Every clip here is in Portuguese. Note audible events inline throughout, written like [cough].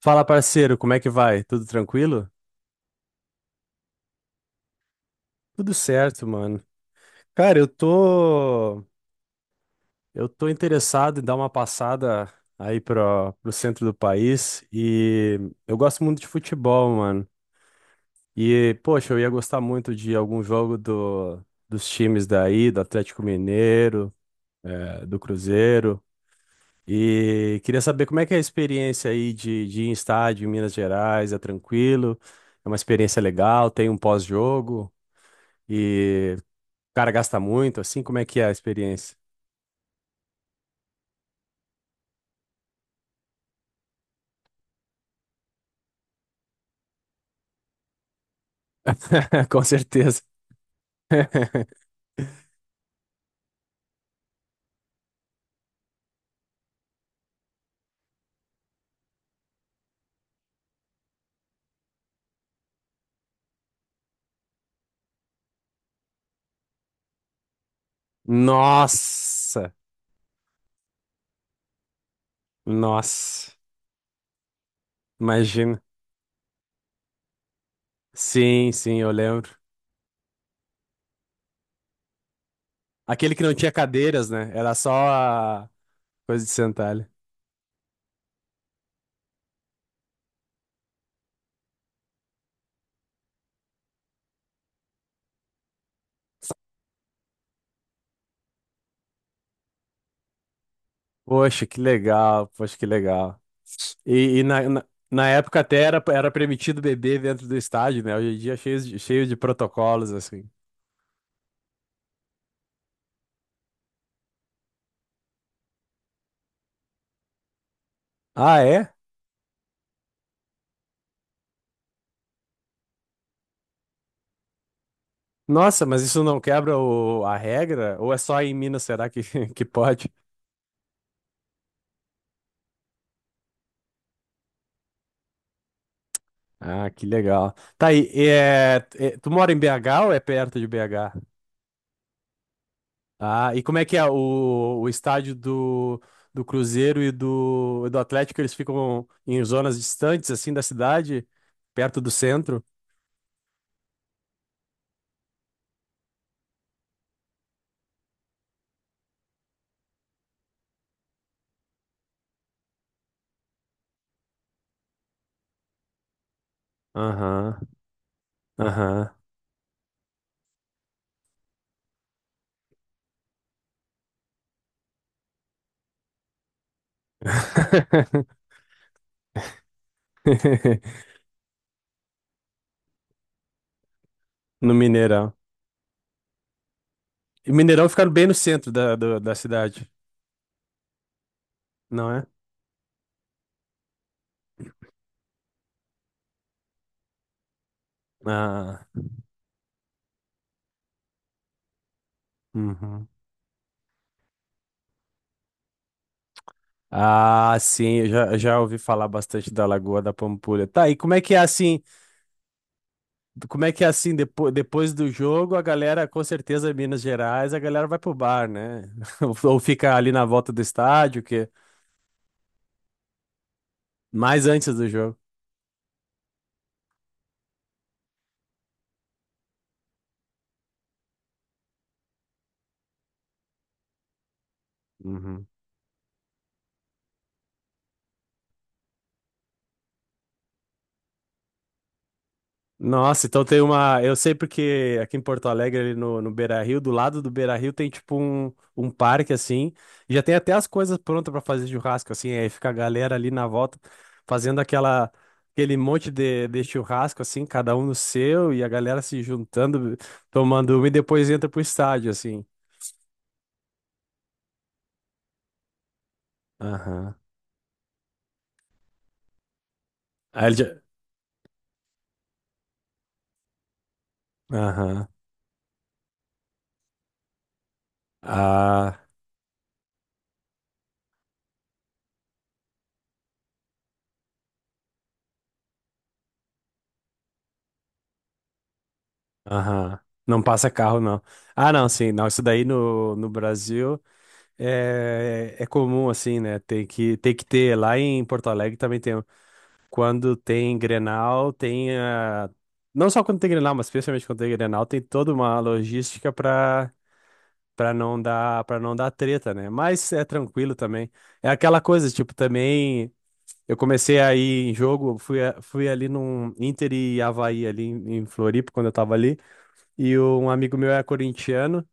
Fala, parceiro, como é que vai? Tudo tranquilo? Tudo certo, mano. Cara, eu tô interessado em dar uma passada aí pro centro do país e eu gosto muito de futebol, mano. E poxa, eu ia gostar muito de algum jogo dos times daí, do Atlético Mineiro, do Cruzeiro. E queria saber como é que é a experiência aí de ir em estádio em Minas Gerais, é tranquilo? É uma experiência legal, tem um pós-jogo? E cara gasta muito, assim, como é que é a experiência? [laughs] Com certeza. Nossa! Nossa! Imagina. Sim, sim, eu lembro. Aquele que não tinha cadeiras, né? Era só a coisa de sentar ali. Poxa, que legal, poxa, que legal. E na, na época até era permitido beber dentro do estádio, né? Hoje em dia é cheio de protocolos, assim. Ah, é? Nossa, mas isso não quebra a regra? Ou é só em Minas, será que, [laughs] que pode? Ah, que legal. Tá aí, é, tu mora em BH ou é perto de BH? Ah, e como é que é o estádio do Cruzeiro e do Atlético? Eles ficam em zonas distantes, assim, da cidade, perto do centro? Aham, aham. [laughs] No Mineirão. E Mineirão fica bem no centro da, da cidade, não é? Ah, uhum. Ah, sim, eu já ouvi falar bastante da Lagoa da Pampulha. Tá, e como é que é assim? Como é que é assim, depois do jogo, a galera, com certeza, em Minas Gerais, a galera vai pro bar, né? [laughs] Ou fica ali na volta do estádio, que mais antes do jogo. Nossa, então tem uma. Eu sei porque aqui em Porto Alegre, ali no Beira-Rio, do lado do Beira-Rio tem tipo um parque assim. E já tem até as coisas prontas pra fazer churrasco, assim. Aí fica a galera ali na volta fazendo aquele monte de churrasco, assim, cada um no seu, e a galera se juntando, tomando uma e depois entra pro estádio, assim. Aham. Aí ele já- Aham. Ah, aham. Não passa carro, não. Ah, não, sim, não. Isso daí no Brasil. É, é comum assim, né? Tem que ter. Lá em Porto Alegre também tem. Quando tem Grenal, tem a... Não só quando tem Grenal, mas especialmente quando tem Grenal, tem toda uma logística para não dar treta, né? Mas é tranquilo também. É aquela coisa, tipo, também eu comecei a ir em jogo, fui ali num Inter e Avaí ali em Floripa quando eu tava ali, e um amigo meu é corintiano.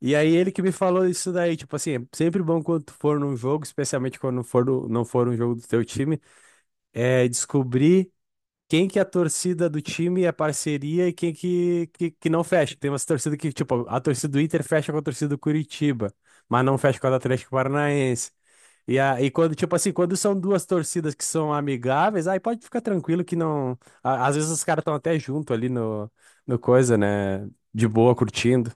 E aí ele que me falou isso daí, tipo assim, é sempre bom quando tu for num jogo, especialmente quando for não for um jogo do teu time, é descobrir quem que é a torcida do time é parceria e quem que não fecha. Tem umas torcidas que, tipo, a torcida do Inter fecha com a torcida do Curitiba, mas não fecha com a do Atlético Paranaense. E quando, tipo assim, quando são duas torcidas que são amigáveis, aí pode ficar tranquilo que não. Às vezes os caras estão até junto ali no coisa, né? De boa, curtindo.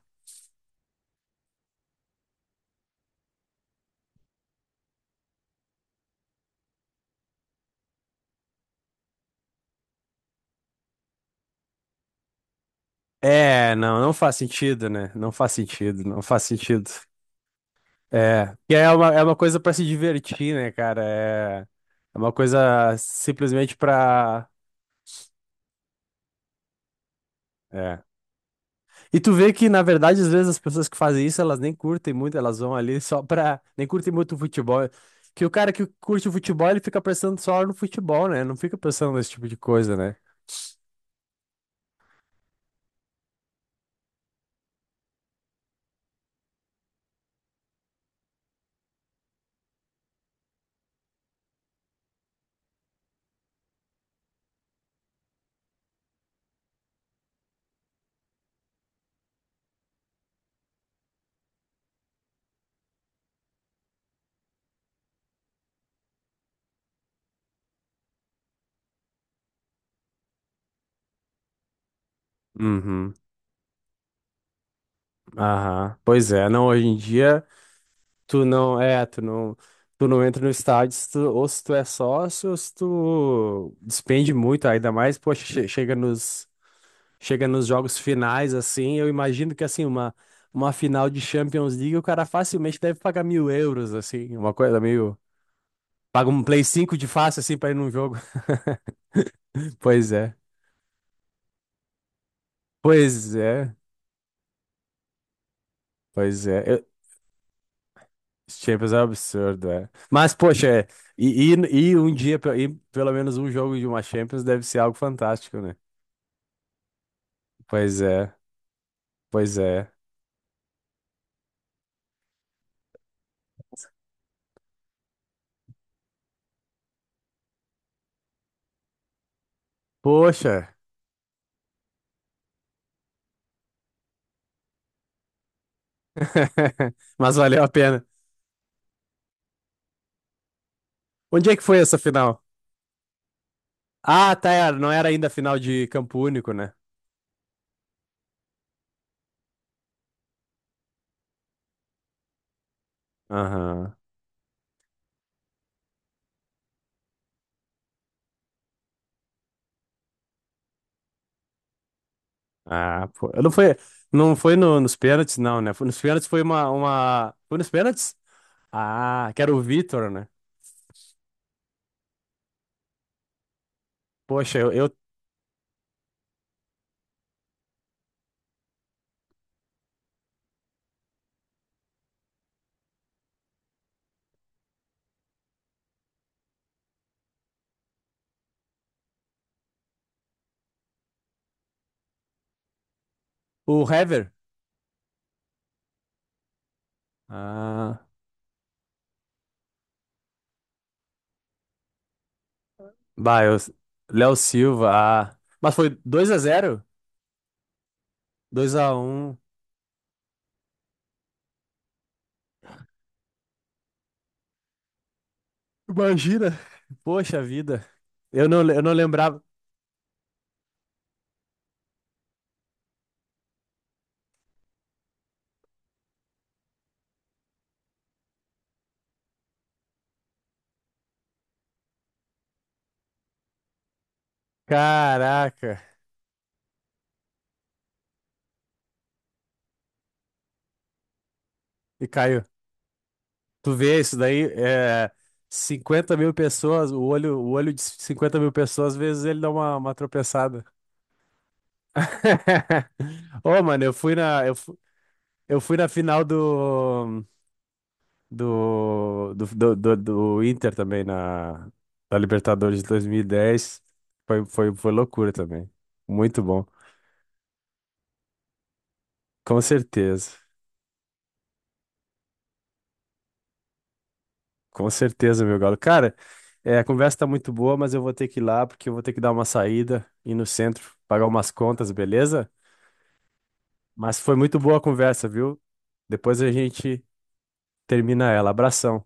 É, não, não faz sentido, né? Não faz sentido, não faz sentido. É, e aí é uma coisa pra se divertir, né, cara? É, é uma coisa simplesmente pra. É. E tu vê que, na verdade, às vezes as pessoas que fazem isso, elas nem curtem muito, elas vão ali só pra. Nem curtem muito o futebol. Que o cara que curte o futebol, ele fica pensando só no futebol, né? Não fica pensando nesse tipo de coisa, né? Uhum. Aham, pois é, não, hoje em dia tu não é, tu não, tu não entra no estádio se tu, ou se tu é sócio ou se tu despende muito, ainda mais, poxa, chega nos jogos finais assim, eu imagino que assim, uma final de Champions League o cara facilmente deve pagar 1.000 euros, assim, uma coisa meio, paga um Play 5 de fácil assim pra ir num jogo. [laughs] Pois é, pois é, pois é. Os Champions é um absurdo, é. Mas, poxa, e um dia, e pelo menos um jogo de uma Champions deve ser algo fantástico, né? Pois é, pois é. Poxa, [laughs] mas valeu a pena. Onde é que foi essa final? Ah, tá, não era ainda a final de campo único, né? Aham. Ah, pô. Não foi nos pênaltis, não, né? Nos pênaltis foi uma. Foi nos pênaltis? Ah, que era o Vitor, né? Poxa, eu. O Hever. Ah. Bah, eu. Léo Silva, ah. Mas foi dois a zero, dois a um. Imagina. Poxa vida. Eu não lembrava. Caraca. E caiu. Tu vê isso daí? É 50 mil pessoas, o olho de 50 mil pessoas, às vezes ele dá uma tropeçada. [laughs] Ô, mano, eu fui na final do. Do, do, do, do, do, Inter também na Libertadores de 2010. Foi loucura também. Muito bom. Com certeza. Com certeza, meu galo. Cara, a conversa tá muito boa, mas eu vou ter que ir lá porque eu vou ter que dar uma saída, ir no centro, pagar umas contas, beleza? Mas foi muito boa a conversa, viu? Depois a gente termina ela. Abração.